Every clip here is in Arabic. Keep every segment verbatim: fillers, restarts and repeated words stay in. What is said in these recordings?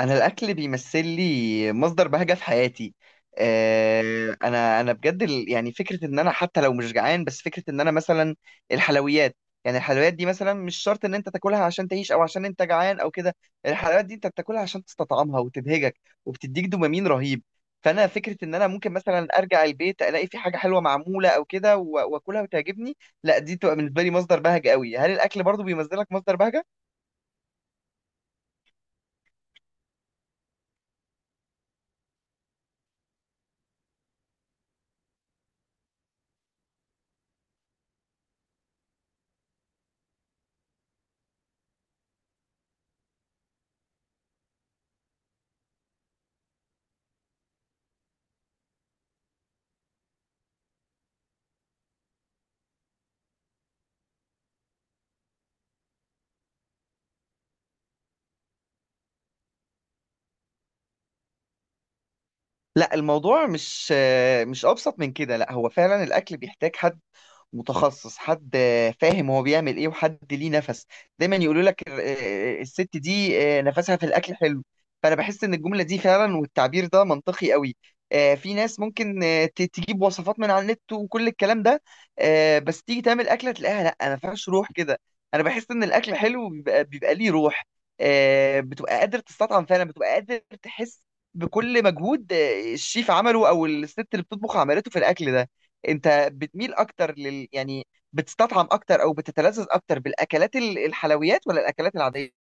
انا الاكل بيمثل لي مصدر بهجه في حياتي. آه، انا انا بجد ال- يعني فكره ان انا حتى لو مش جعان، بس فكره ان انا مثلا الحلويات. يعني الحلويات دي مثلا مش شرط ان انت تاكلها عشان تعيش او عشان انت جعان او كده. الحلويات دي انت بتاكلها عشان تستطعمها وتبهجك وبتديك دوبامين رهيب. فانا فكره ان انا ممكن مثلا ارجع البيت الاقي في حاجه حلوه معموله او كده و- واكلها وتعجبني. لا، دي تبقى بالنسبه لي مصدر بهجه قوي. هل الاكل برضو بيمثلك مصدر بهجه؟ لا الموضوع مش مش ابسط من كده. لا هو فعلا الاكل بيحتاج حد متخصص، حد فاهم هو بيعمل ايه، وحد ليه نفس. دايما يقولوا لك ال- الست دي نفسها في الاكل حلو. فانا بحس ان الجمله دي فعلا والتعبير ده منطقي قوي. آه، في ناس ممكن آه، ت- تجيب وصفات من على النت وكل الكلام ده. آه، بس تيجي تعمل اكله تلاقيها لا ما فيهاش روح كده. انا بحس ان الاكل حلو بيبقى, بيبقى ليه روح. آه، بتبقى قادر تستطعم فعلا، بتبقى قادر تحس بكل مجهود آه، الشيف عمله او الست اللي بتطبخ عملته في الاكل ده. انت بتميل اكتر لل يعني بتستطعم اكتر او بتتلذذ اكتر بالاكلات ال- الحلويات ولا الاكلات العاديه؟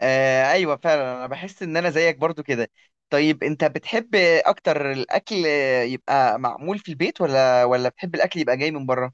آه ايوه فعلا، انا بحس ان انا زيك برضو كده. طيب انت بتحب اكتر الاكل يبقى معمول في البيت، ولا ولا بتحب الاكل يبقى جاي من بره؟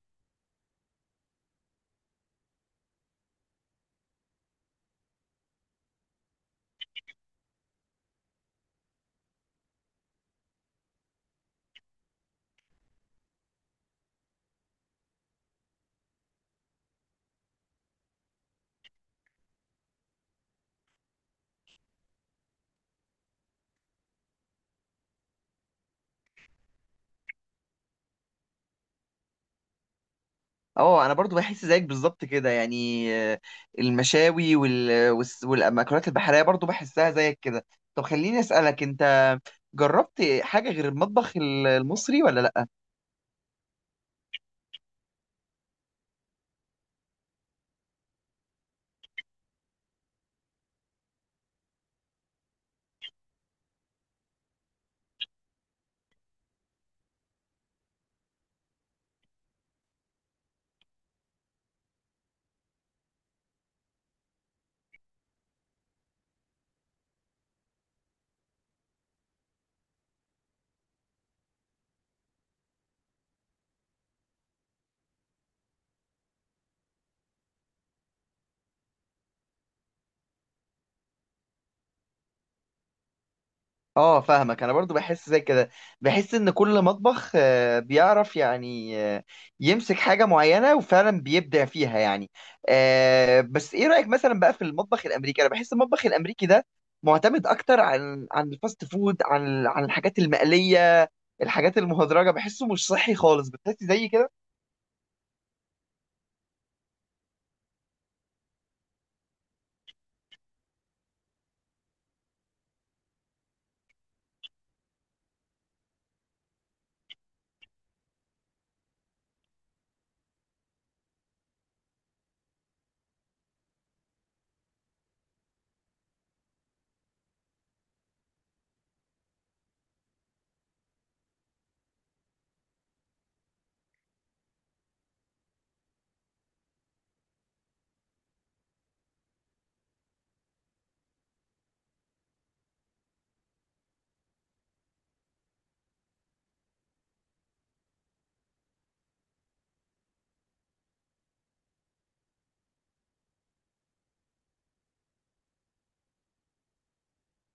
اه، انا برضو بحس زيك بالظبط كده. يعني آه، المشاوي وال... والس- والمأكولات البحريه برضو بحسها زيك كده. طب خليني اسالك، انت جربت حاجه غير المطبخ ال- المصري ولا لا؟ اه فاهمك، انا برضو بحس زي كده. بحس ان كل مطبخ آه، بيعرف يعني آه، يمسك حاجة معينة وفعلا بيبدع فيها يعني. آه، بس ايه رأيك مثلا بقى في المطبخ الامريكي؟ انا بحس المطبخ الامريكي ده معتمد اكتر عن عن الفاست فود، عن عن الحاجات المقلية، الحاجات المهدرجة. بحسه مش صحي خالص. بتحسي زي كده؟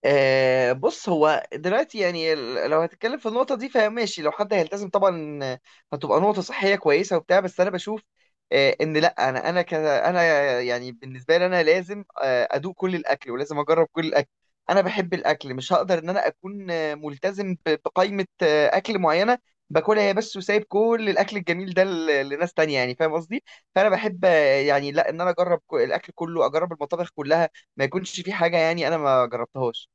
آه، بص هو دلوقتي يعني ال- لو هتتكلم في النقطة دي فماشي، لو حد هيلتزم طبعا آه، هتبقى نقطة صحية كويسة وبتاع. بس أنا بشوف آه، إن لأ، أنا أنا ك أنا يعني بالنسبة لي أنا لازم آه، أدوق كل الأكل ولازم أجرب كل الأكل. أنا بحب الأكل، مش هقدر إن أنا أكون آه، ملتزم ب- بقائمة آه، أكل معينة باكلها هي بس، وسايب كل الأكل الجميل ده ل- لناس تانية. يعني فاهم قصدي؟ فأنا بحب آه، يعني لأ إن أنا أجرب ك- الأكل كله، أجرب المطابخ كلها، ما يكونش في حاجة يعني أنا ما جربتهاش.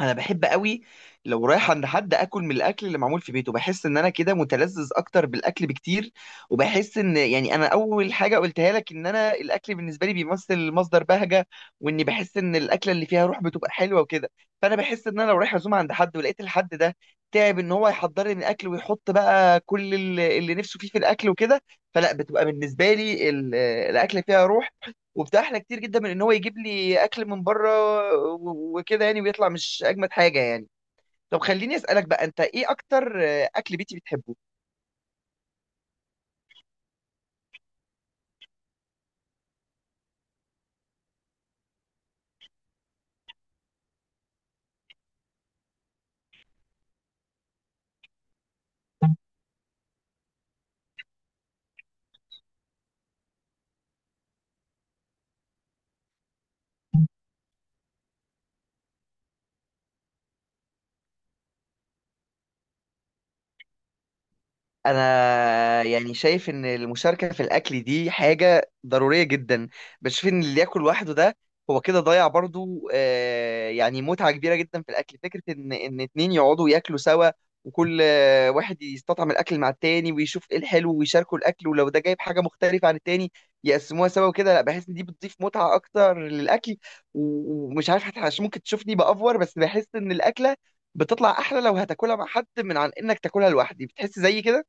انا بحب قوي لو رايح عند حد اكل من الاكل اللي معمول في بيته. بحس ان انا كده متلذذ اكتر بالاكل بكتير، وبحس ان يعني انا اول حاجه قلتها لك ان انا الاكل بالنسبه لي بيمثل مصدر بهجه، واني بحس ان الاكله اللي فيها روح بتبقى حلوه وكده. فانا بحس ان انا لو رايح عزومه عند حد، ولقيت الحد ده تعب ان هو يحضر لي الاكل ويحط بقى كل ال- اللي نفسه فيه في الاكل وكده، فلا بتبقى بالنسبه لي ال- الاكل فيها روح، وبتحلى كتير جدا من ان هو يجيب لي اكل من بره و- وكده يعني، ويطلع مش اجمد حاجه يعني. طب خليني اسالك بقى، انت ايه اكتر آه، اكل بيتي بتحبه؟ انا يعني شايف ان المشاركه في الاكل دي حاجه ضروريه جدا. بشوف ان اللي ياكل لوحده ده هو كده ضيع برضو آه، يعني متعه كبيره جدا في الاكل. فكره ان ان اتنين يقعدوا ياكلوا سوا، وكل آه، واحد يستطعم الاكل مع التاني ويشوف ايه الحلو، ويشاركوا الاكل، ولو ده جايب حاجه مختلفه عن التاني يقسموها سوا وكده. لا بحس ان دي بتضيف متعه اكتر للاكل. و- ومش عارف، حتى عشان ممكن تشوفني بافور، بس بحس ان الاكله بتطلع احلى لو هتاكلها مع حد من عن انك تاكلها لوحدي. بتحس زي كده؟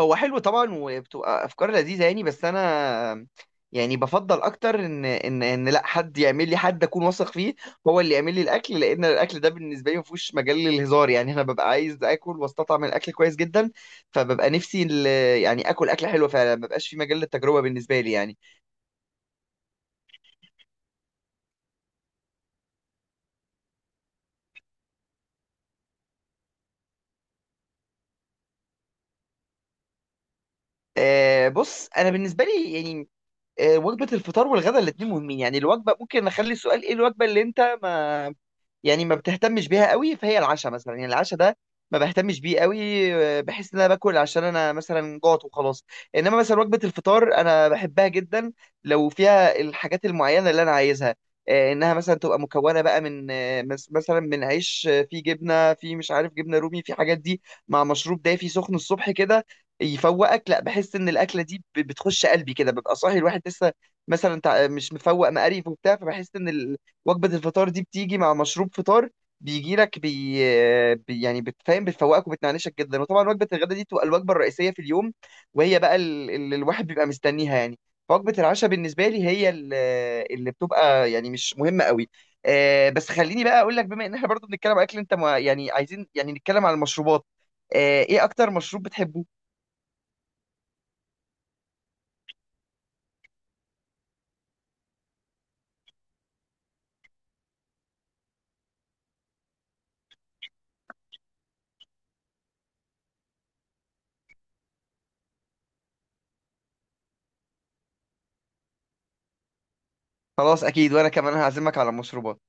هو حلو طبعا وبتبقى افكار لذيذه يعني، بس انا يعني بفضل اكتر ان ان ان لا، حد يعمل لي، حد اكون واثق فيه هو اللي يعمل لي الاكل، لان الاكل ده بالنسبه لي ما فيهوش مجال للهزار. يعني انا ببقى عايز اكل واستطعم الاكل كويس جدا، فببقى نفسي ال- يعني اكل اكل حلو فعلا، ما ببقاش في مجال للتجربه بالنسبه لي يعني. آه بص، انا بالنسبه لي يعني آه، وجبه الفطار والغداء الاثنين مهمين. يعني الوجبه، ممكن اخلي السؤال ايه الوجبه اللي انت ما يعني ما بتهتمش بيها قوي، فهي العشاء مثلا. يعني العشاء ده ما بهتمش بيه قوي. آه، بحس ان انا باكل عشان انا مثلا جوعت وخلاص. انما مثلا وجبة الفطار انا بحبها جدا لو فيها الحاجات المعينة اللي انا عايزها. آه، انها مثلا تبقى مكونة بقى من آه، مس- مثلا من عيش، آه، فيه جبنة، فيه مش عارف جبنة رومي، في حاجات دي، مع مشروب دافي سخن الصبح كده يفوقك. لا بحس ان الاكلة دي ب- بتخش قلبي كده. ببقى صاحي الواحد لسه مثلا تع- مش مفوق مقريف وبتاع، فبحس ان ال... وجبة الفطار دي بتيجي مع مشروب فطار بيجي لك بي... بي يعني بتفهم، بتفوقك وبتنعنشك جدا. وطبعا وجبة الغداء دي تبقى الوجبة الرئيسية في اليوم، وهي بقى ال... ال- الواحد بيبقى مستنيها يعني. فوجبة العشاء بالنسبة لي هي ال- اللي بتبقى يعني مش مهمة قوي. آه بس خليني بقى اقول لك، بما ان احنا برضو بنتكلم اكل، انت ما يعني عايزين يعني نتكلم على المشروبات. آه ايه اكتر مشروب بتحبه؟ خلاص اكيد، وانا كمان هعزمك على المشروبات.